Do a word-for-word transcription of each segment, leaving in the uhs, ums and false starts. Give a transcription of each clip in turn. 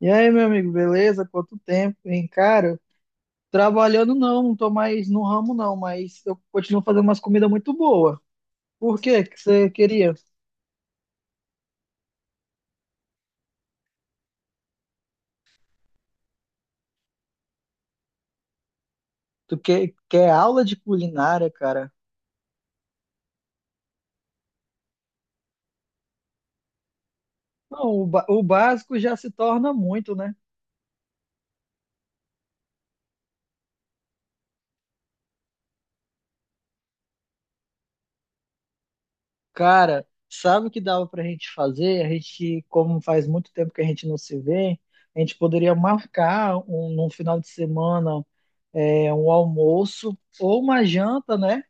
E aí, meu amigo, beleza? Quanto tempo, hein? Cara, trabalhando não, não tô mais no ramo não, mas eu continuo fazendo umas comidas muito boas. Por quê? Que você queria? Tu quer, quer aula de culinária, cara? Não, o, ba- o básico já se torna muito, né? Cara, sabe o que dava pra gente fazer? A gente, como faz muito tempo que a gente não se vê, a gente poderia marcar um, num final de semana é, um almoço ou uma janta, né?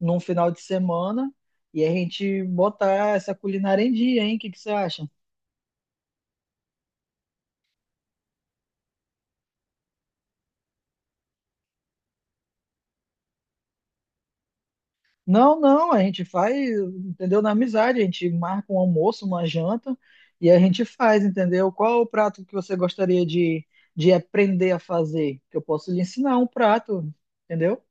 Num final de semana e a gente botar essa culinária em dia, hein? O que que você acha? Não, não, a gente faz, entendeu? Na amizade, a gente marca um almoço, uma janta e a gente faz, entendeu? Qual é o prato que você gostaria de, de aprender a fazer? Que eu posso lhe ensinar um prato, entendeu?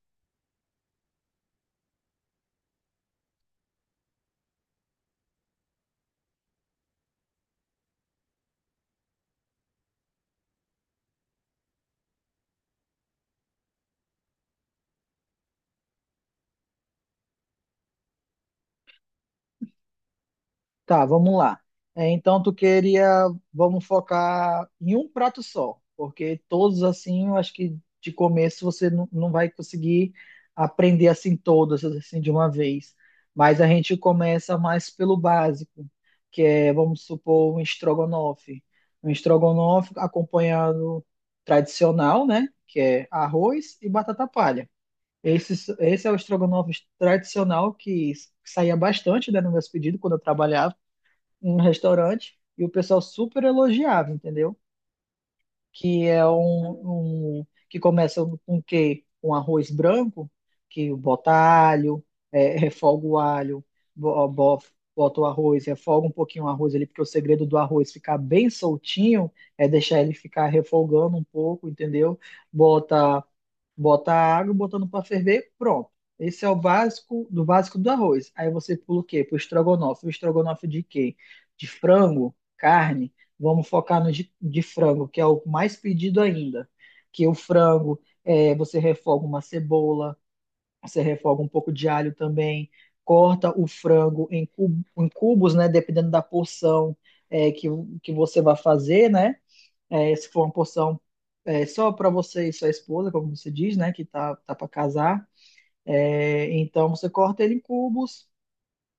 Tá, vamos lá. É, então tu queria, vamos focar em um prato só, porque todos assim, eu acho que de começo você não, não vai conseguir aprender assim todas assim de uma vez. Mas a gente começa mais pelo básico, que é, vamos supor, um estrogonofe. Um estrogonofe acompanhado tradicional, né? Que é arroz e batata palha. Esse, esse é o estrogonofe tradicional que saía bastante, né, no meus pedidos quando eu trabalhava um restaurante e o pessoal super elogiava, entendeu? Que é um, um- que começa com quê? Com arroz branco, que bota alho, é, refoga o alho, bo- bo- bota o arroz, refoga um pouquinho o arroz ali, porque o segredo do arroz ficar bem soltinho é deixar ele ficar refogando um pouco, entendeu? Bota Bota a água, botando para ferver, pronto. Esse é o básico do básico do arroz. Aí você pula o quê? Pro estrogonofe. O estrogonofe de quê? De frango, carne. Vamos focar no de, de frango, que é o mais pedido ainda. Que o frango, é, você refoga uma cebola, você refoga um pouco de alho também, corta o frango em, cub- em cubos, né? Dependendo da porção é, que, que você vai fazer, né? É, se for uma porção é, só para você e sua esposa, como você diz, né, que tá, tá para casar, é, então você corta ele em cubos.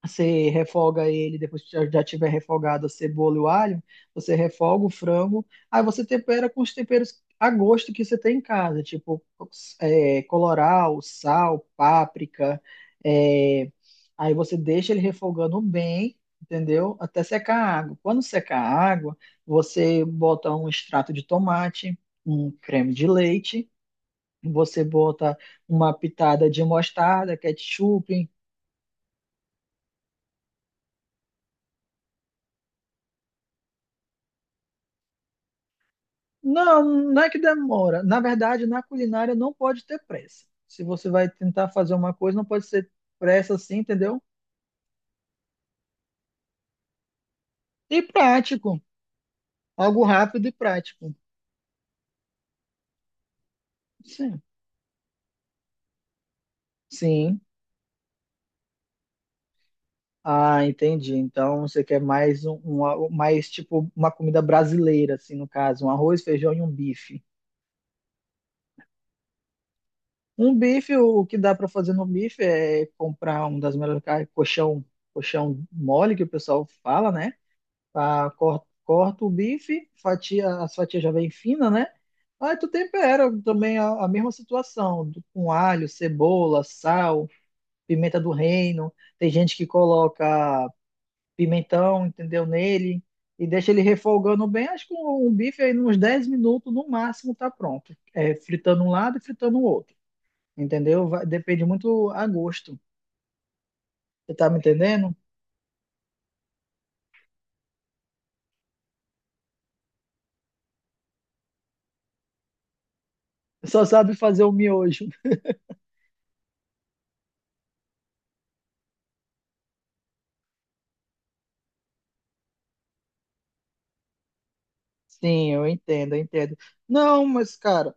Você refoga ele, depois que já, já tiver refogado a cebola e o alho, você refoga o frango, aí você tempera com os temperos a gosto que você tem em casa, tipo é, colorau, sal, páprica, é, aí você deixa ele refogando bem, entendeu? Até secar a água. Quando secar a água, você bota um extrato de tomate, um creme de leite, você bota uma pitada de mostarda, ketchup, Não, não é que demora. Na verdade, na culinária não pode ter pressa. Se você vai tentar fazer uma coisa, não pode ser pressa assim, entendeu? E prático. Algo rápido e prático. Sim. Sim. Ah, entendi. Então você quer mais um, um- a- mais tipo uma comida brasileira, assim, no caso, um arroz, feijão e um bife. Um bife, o que dá para fazer no bife é comprar um das melhores carnes, coxão, coxão mole que o pessoal fala, né? Ah, corta, corta o bife, fatia, as fatias já vem fina, né? Aí tu tempera também a, a mesma situação, do- com alho, cebola, sal, pimenta do reino. Tem gente que coloca pimentão, entendeu, nele e deixa ele refogando bem. Acho que o o bife aí nos dez minutos no máximo tá pronto. É, fritando um lado e fritando o outro, entendeu? Vai- depende muito a gosto. Você tá me entendendo? Só sabe fazer o miojo. Sim, eu entendo, eu entendo. Não, mas, cara,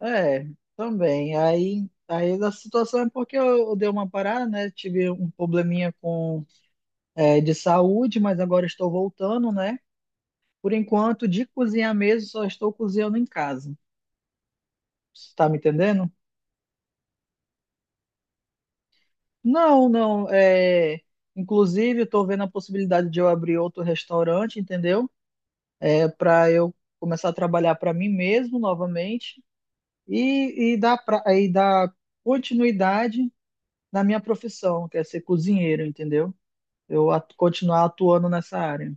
é, também. Aí, aí a situação é porque eu, eu dei uma parada, né? Tive um probleminha com é, de saúde, mas agora estou voltando, né? Por enquanto, de cozinhar mesmo, só estou cozinhando em casa. Você tá me entendendo? Não, não. É, inclusive, estou vendo a possibilidade de eu abrir outro restaurante, entendeu? É para eu começar a trabalhar para mim mesmo novamente e, e dar pra, e dar continuidade na minha profissão, que é ser cozinheiro, entendeu? Eu atu- continuar atuando nessa área.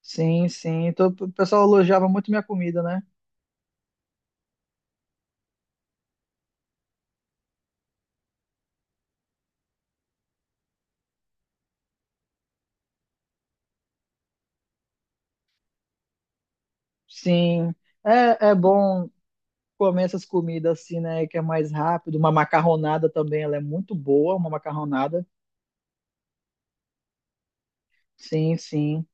Sim, sim. Então, o pessoal elogiava muito minha comida, né? Sim. É, é bom comer essas comidas assim, né? Que é mais rápido. Uma macarronada também, ela é muito boa, uma macarronada. Sim, sim.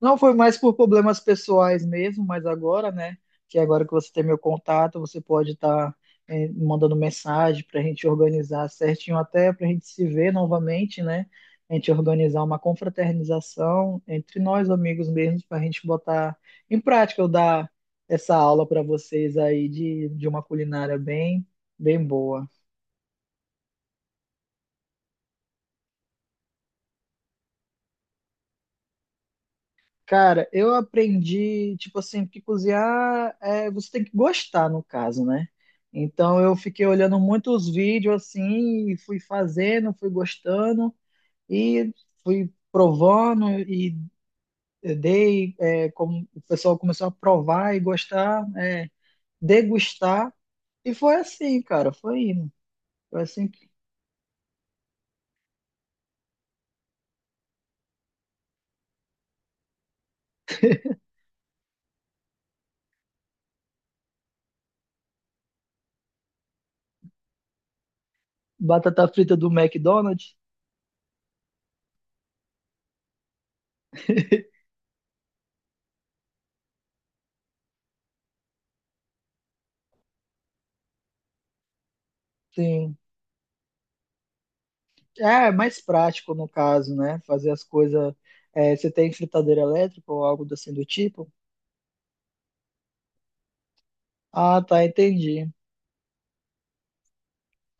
Não foi mais por problemas pessoais mesmo, mas agora, né? Que agora que você tem meu contato, você pode estar mandando mensagem para a gente organizar certinho, até para a gente se ver novamente, né? A gente organizar uma confraternização entre nós, amigos mesmo, para a gente botar em prática. Eu dar essa aula para vocês aí de, de uma culinária bem, bem boa. Cara, eu aprendi, tipo assim, que cozinhar é, você tem que gostar, no caso, né? Então eu fiquei olhando muitos vídeos assim, e fui fazendo, fui gostando e fui provando e dei, é, como o pessoal começou a provar e gostar, é, degustar. E foi assim, cara, foi indo. Foi assim que batata frita do McDonald's, sim. É é mais prático no caso, né? Fazer as coisas. É, você tem fritadeira elétrica ou algo assim do tipo? Ah, tá, entendi.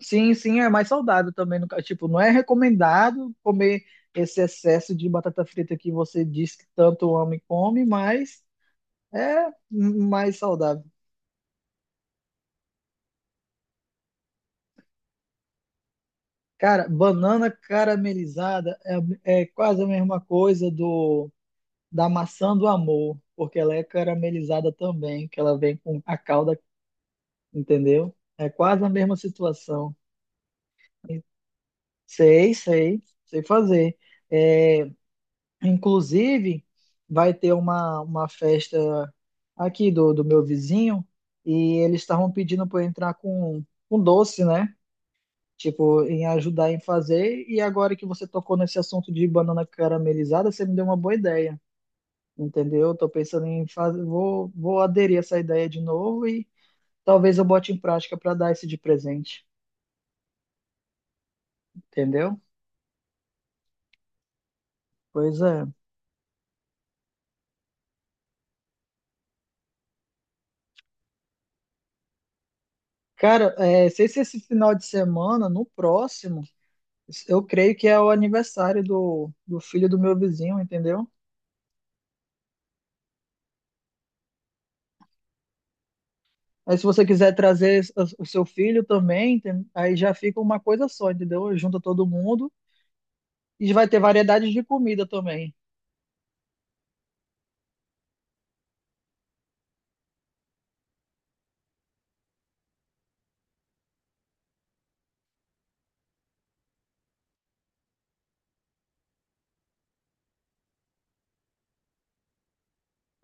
Sim, sim, é mais saudável também. No, ca- tipo, não é recomendado comer esse excesso de batata frita que você diz que tanto ama e come, mas é mais saudável. Cara, banana caramelizada é, é quase a mesma coisa do da maçã do amor, porque ela é caramelizada também, que ela vem com a calda entendeu? É quase a mesma situação. E Sei, sei, sei fazer. É, inclusive, vai ter uma, uma festa aqui do, do meu vizinho e eles estavam pedindo para eu entrar com, com doce, né? Tipo, em ajudar em fazer. E agora que você tocou nesse assunto de banana caramelizada, você me deu uma boa ideia, entendeu? Tô pensando em fazer, vou, vou aderir a essa ideia de novo e talvez eu bote em prática para dar esse de presente, entendeu? Pois é. Cara, é, sei se esse final de semana, no próximo, eu creio que é o aniversário do, do filho do meu vizinho, entendeu? Aí se você quiser trazer s- o seu filho também, enten- aí já fica uma coisa só, entendeu? Junta todo mundo e vai ter variedade de comida também.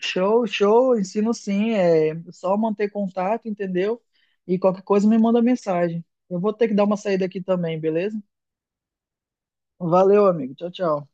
Show, show, ensino sim, é só manter contato, entendeu? E qualquer coisa me manda mensagem. Eu vou ter que dar uma saída aqui também, beleza? Valeu, amigo. Tchau, tchau.